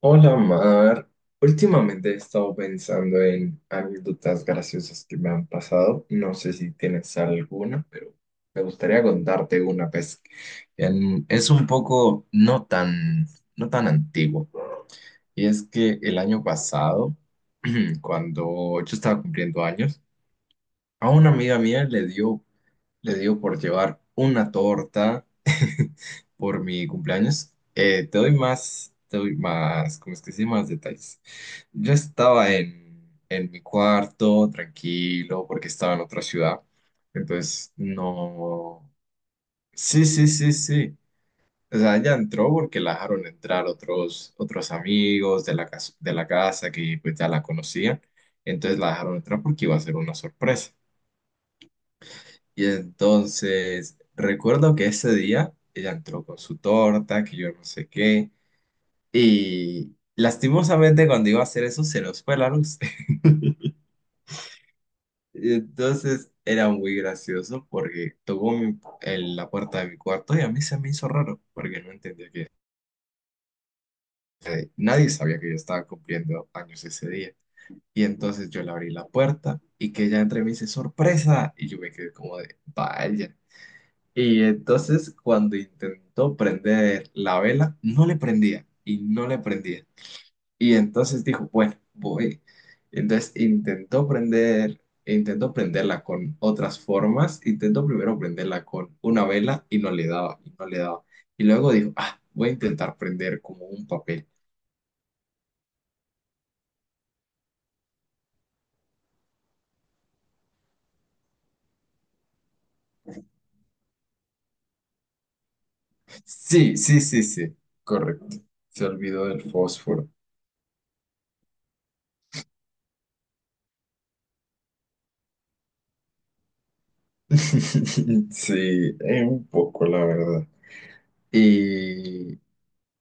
Hola Mar, últimamente he estado pensando en anécdotas graciosas que me han pasado. No sé si tienes alguna, pero me gustaría contarte una, pues es un poco no tan, no tan antiguo. Y es que el año pasado, cuando yo estaba cumpliendo años, a una amiga mía le dio le digo por llevar una torta por mi cumpleaños. Te doy más, ¿cómo es que se llama? Más detalles. Yo estaba en mi cuarto, tranquilo, porque estaba en otra ciudad. Entonces, no. Sí, sí, sí, sí. O sea, ella entró porque la dejaron entrar otros amigos de la casa que pues ya la conocían. Entonces la dejaron entrar porque iba a ser una sorpresa. Y entonces, recuerdo que ese día ella entró con su torta, que yo no sé qué, y lastimosamente cuando iba a hacer eso se nos fue la luz. Y entonces era muy gracioso porque tocó mi- en la puerta de mi cuarto y a mí se me hizo raro porque no entendía que nadie sabía que yo estaba cumpliendo años ese día. Y entonces yo le abrí la puerta y que ella entre y me dice, sorpresa, y yo me quedé como de, vaya. Y entonces cuando intentó prender la vela, no le prendía y no le prendía. Y entonces dijo, bueno, voy. Entonces intentó prender, intentó prenderla con otras formas, intentó primero prenderla con una vela y no le daba, y no le daba. Y luego dijo, ah, voy a intentar prender como un papel. Sí, sí, sí, sí, correcto. Se olvidó del fósforo. Sí, un poco, la verdad. Y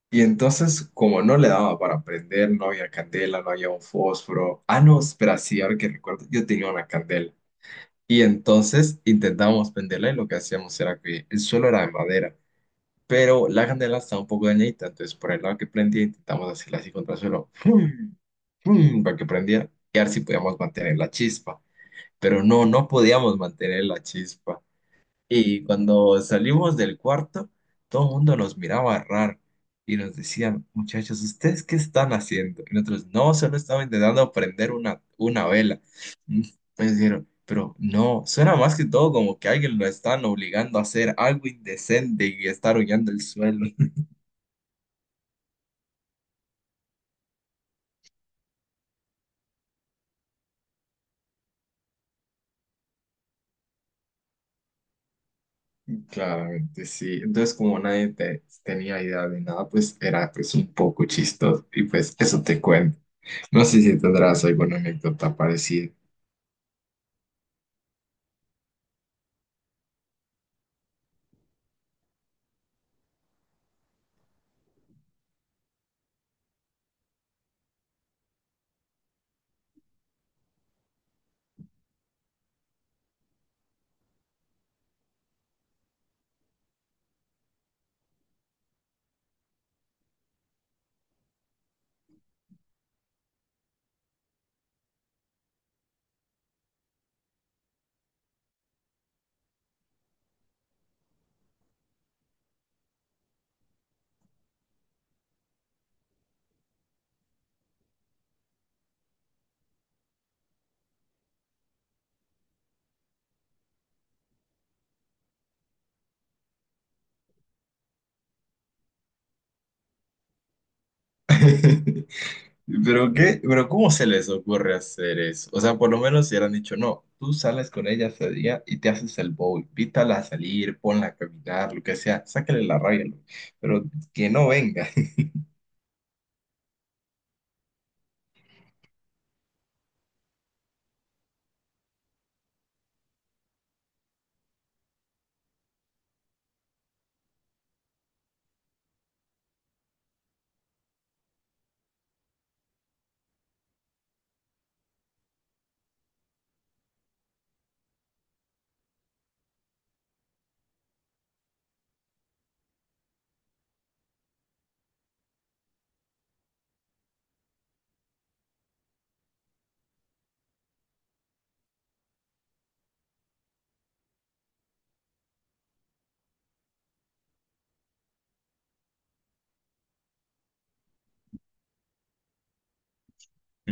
Y entonces, como no le daba para prender, no había candela, no había un fósforo. Ah, no, espera, sí, ahora que recuerdo, yo tenía una candela. Y entonces intentábamos prenderla y lo que hacíamos era que el suelo era de madera, pero la candela estaba un poco dañadita, entonces por el lado que prendía intentamos hacerla así contra el suelo, ¡fum! ¡Fum! Para que prendiera y a ver si podíamos mantener la chispa. Pero no, no podíamos mantener la chispa. Y cuando salimos del cuarto, todo el mundo nos miraba raro y nos decían, muchachos, ¿ustedes qué están haciendo? Y nosotros, no, solo estaba intentando prender una vela. Mm, me dijeron, pero no, suena más que todo como que alguien lo están obligando a hacer algo indecente y estar hollando el suelo. Claramente, sí. Entonces, como nadie te- tenía idea de nada, pues era pues un poco chistoso. Y pues eso te cuento. No sé si tendrás alguna anécdota parecida. ¿Pero qué? ¿Pero cómo se les ocurre hacer eso? O sea, por lo menos si hubieran dicho, no, tú sales con ella ese día y te haces el bobo, invítala a salir, ponla a caminar, lo que sea, sácale la rabia, lo- pero que no venga.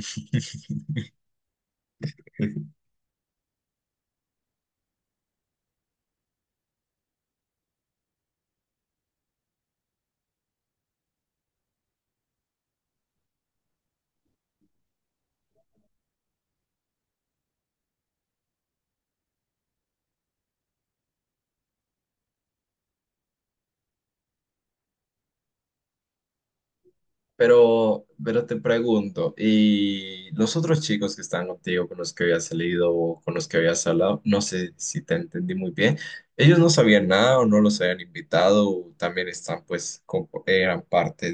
Pero te pregunto, ¿y los otros chicos que están contigo, con los que habías salido o con los que habías hablado, no sé si te entendí muy bien, ellos no sabían nada o no los habían invitado o también están, pues, compo- eran parte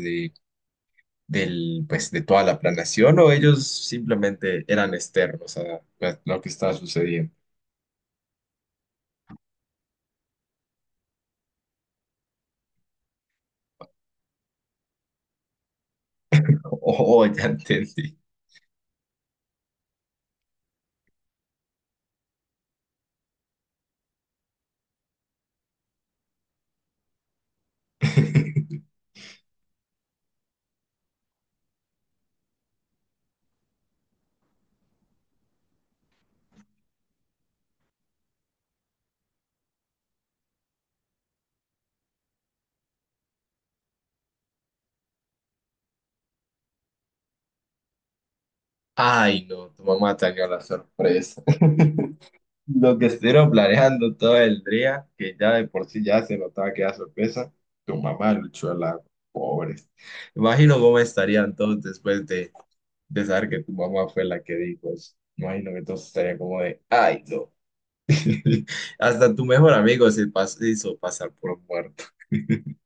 del, pues, de toda la planeación o ellos simplemente eran externos a lo que estaba sucediendo? Oh, oh, ya entendí. Ay, no, tu mamá te dio la sorpresa. Lo que estuvieron planeando todo el día, que ya de por sí ya se notaba que era sorpresa, tu mamá luchó a la pobres. Imagino cómo estarían todos después de saber que tu mamá fue la que dijo eso. Imagino que todos estarían como de, ay, no. Hasta tu mejor amigo se pas- hizo pasar por muerto.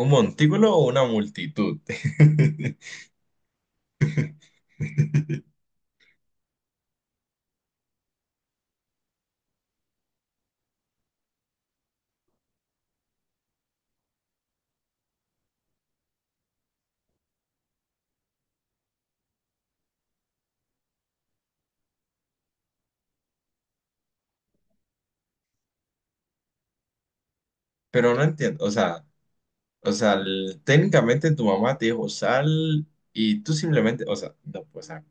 ¿Un montículo o una multitud? Pero no entiendo, o sea, el- técnicamente tu mamá te dijo sal y tú simplemente, o sea, no, pues, o sea,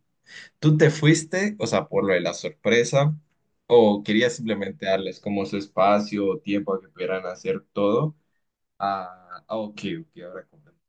tú te fuiste, o sea, por lo de la sorpresa, o querías simplemente darles como su espacio o tiempo a que pudieran hacer todo. Ah, ah, ok, ok, ahora comprendo.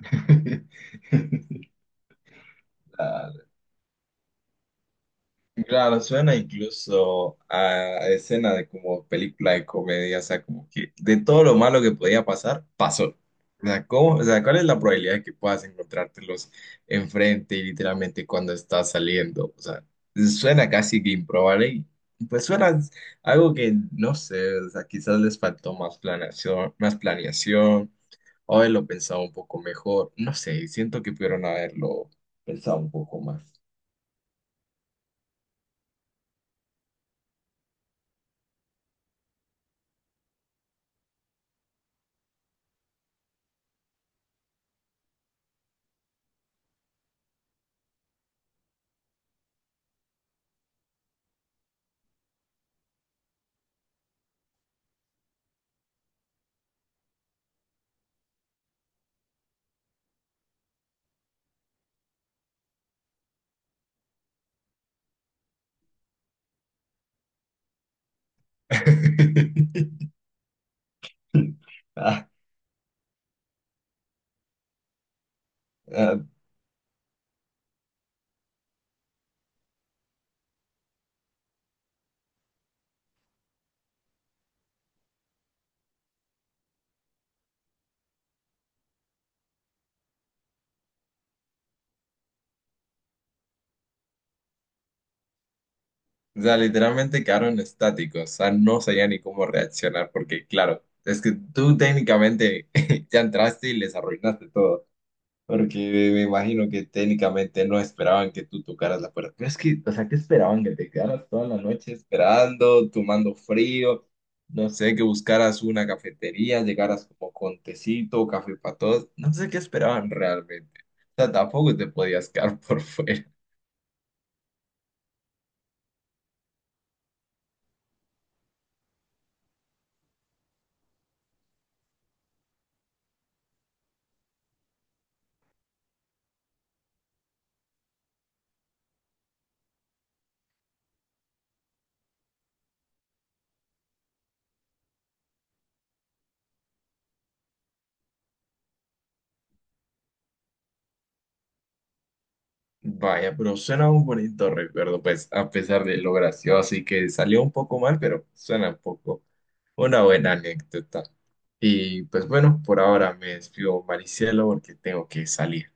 La, claro, suena incluso a escena de como película de comedia, o sea, como que de todo lo malo que podía pasar, pasó. O sea, ¿cómo? O sea, ¿cuál es la probabilidad de que puedas encontrártelos enfrente y literalmente cuando estás saliendo? O sea, suena casi que improbable y pues suena algo que no sé, o sea, quizás les faltó más planeación, o haberlo pensado un poco mejor, no sé, siento que pudieron haberlo pensado un poco más. Ah, ah, o sea, literalmente quedaron estáticos, o sea, no sabía ni cómo reaccionar porque, claro, es que tú técnicamente ya entraste y les arruinaste todo, porque me imagino que técnicamente no esperaban que tú tocaras la puerta. Pero es que, o sea, ¿qué esperaban? Que te quedaras toda la noche esperando, tomando frío, no sé, que buscaras una cafetería, llegaras como con tecito, café para todos, no sé qué esperaban realmente. O sea, tampoco te podías quedar por fuera. Vaya, pero suena un bonito recuerdo, pues a pesar de lo gracioso y que salió un poco mal, pero suena un poco una buena anécdota. Y pues bueno, por ahora me despido, Maricielo, porque tengo que salir.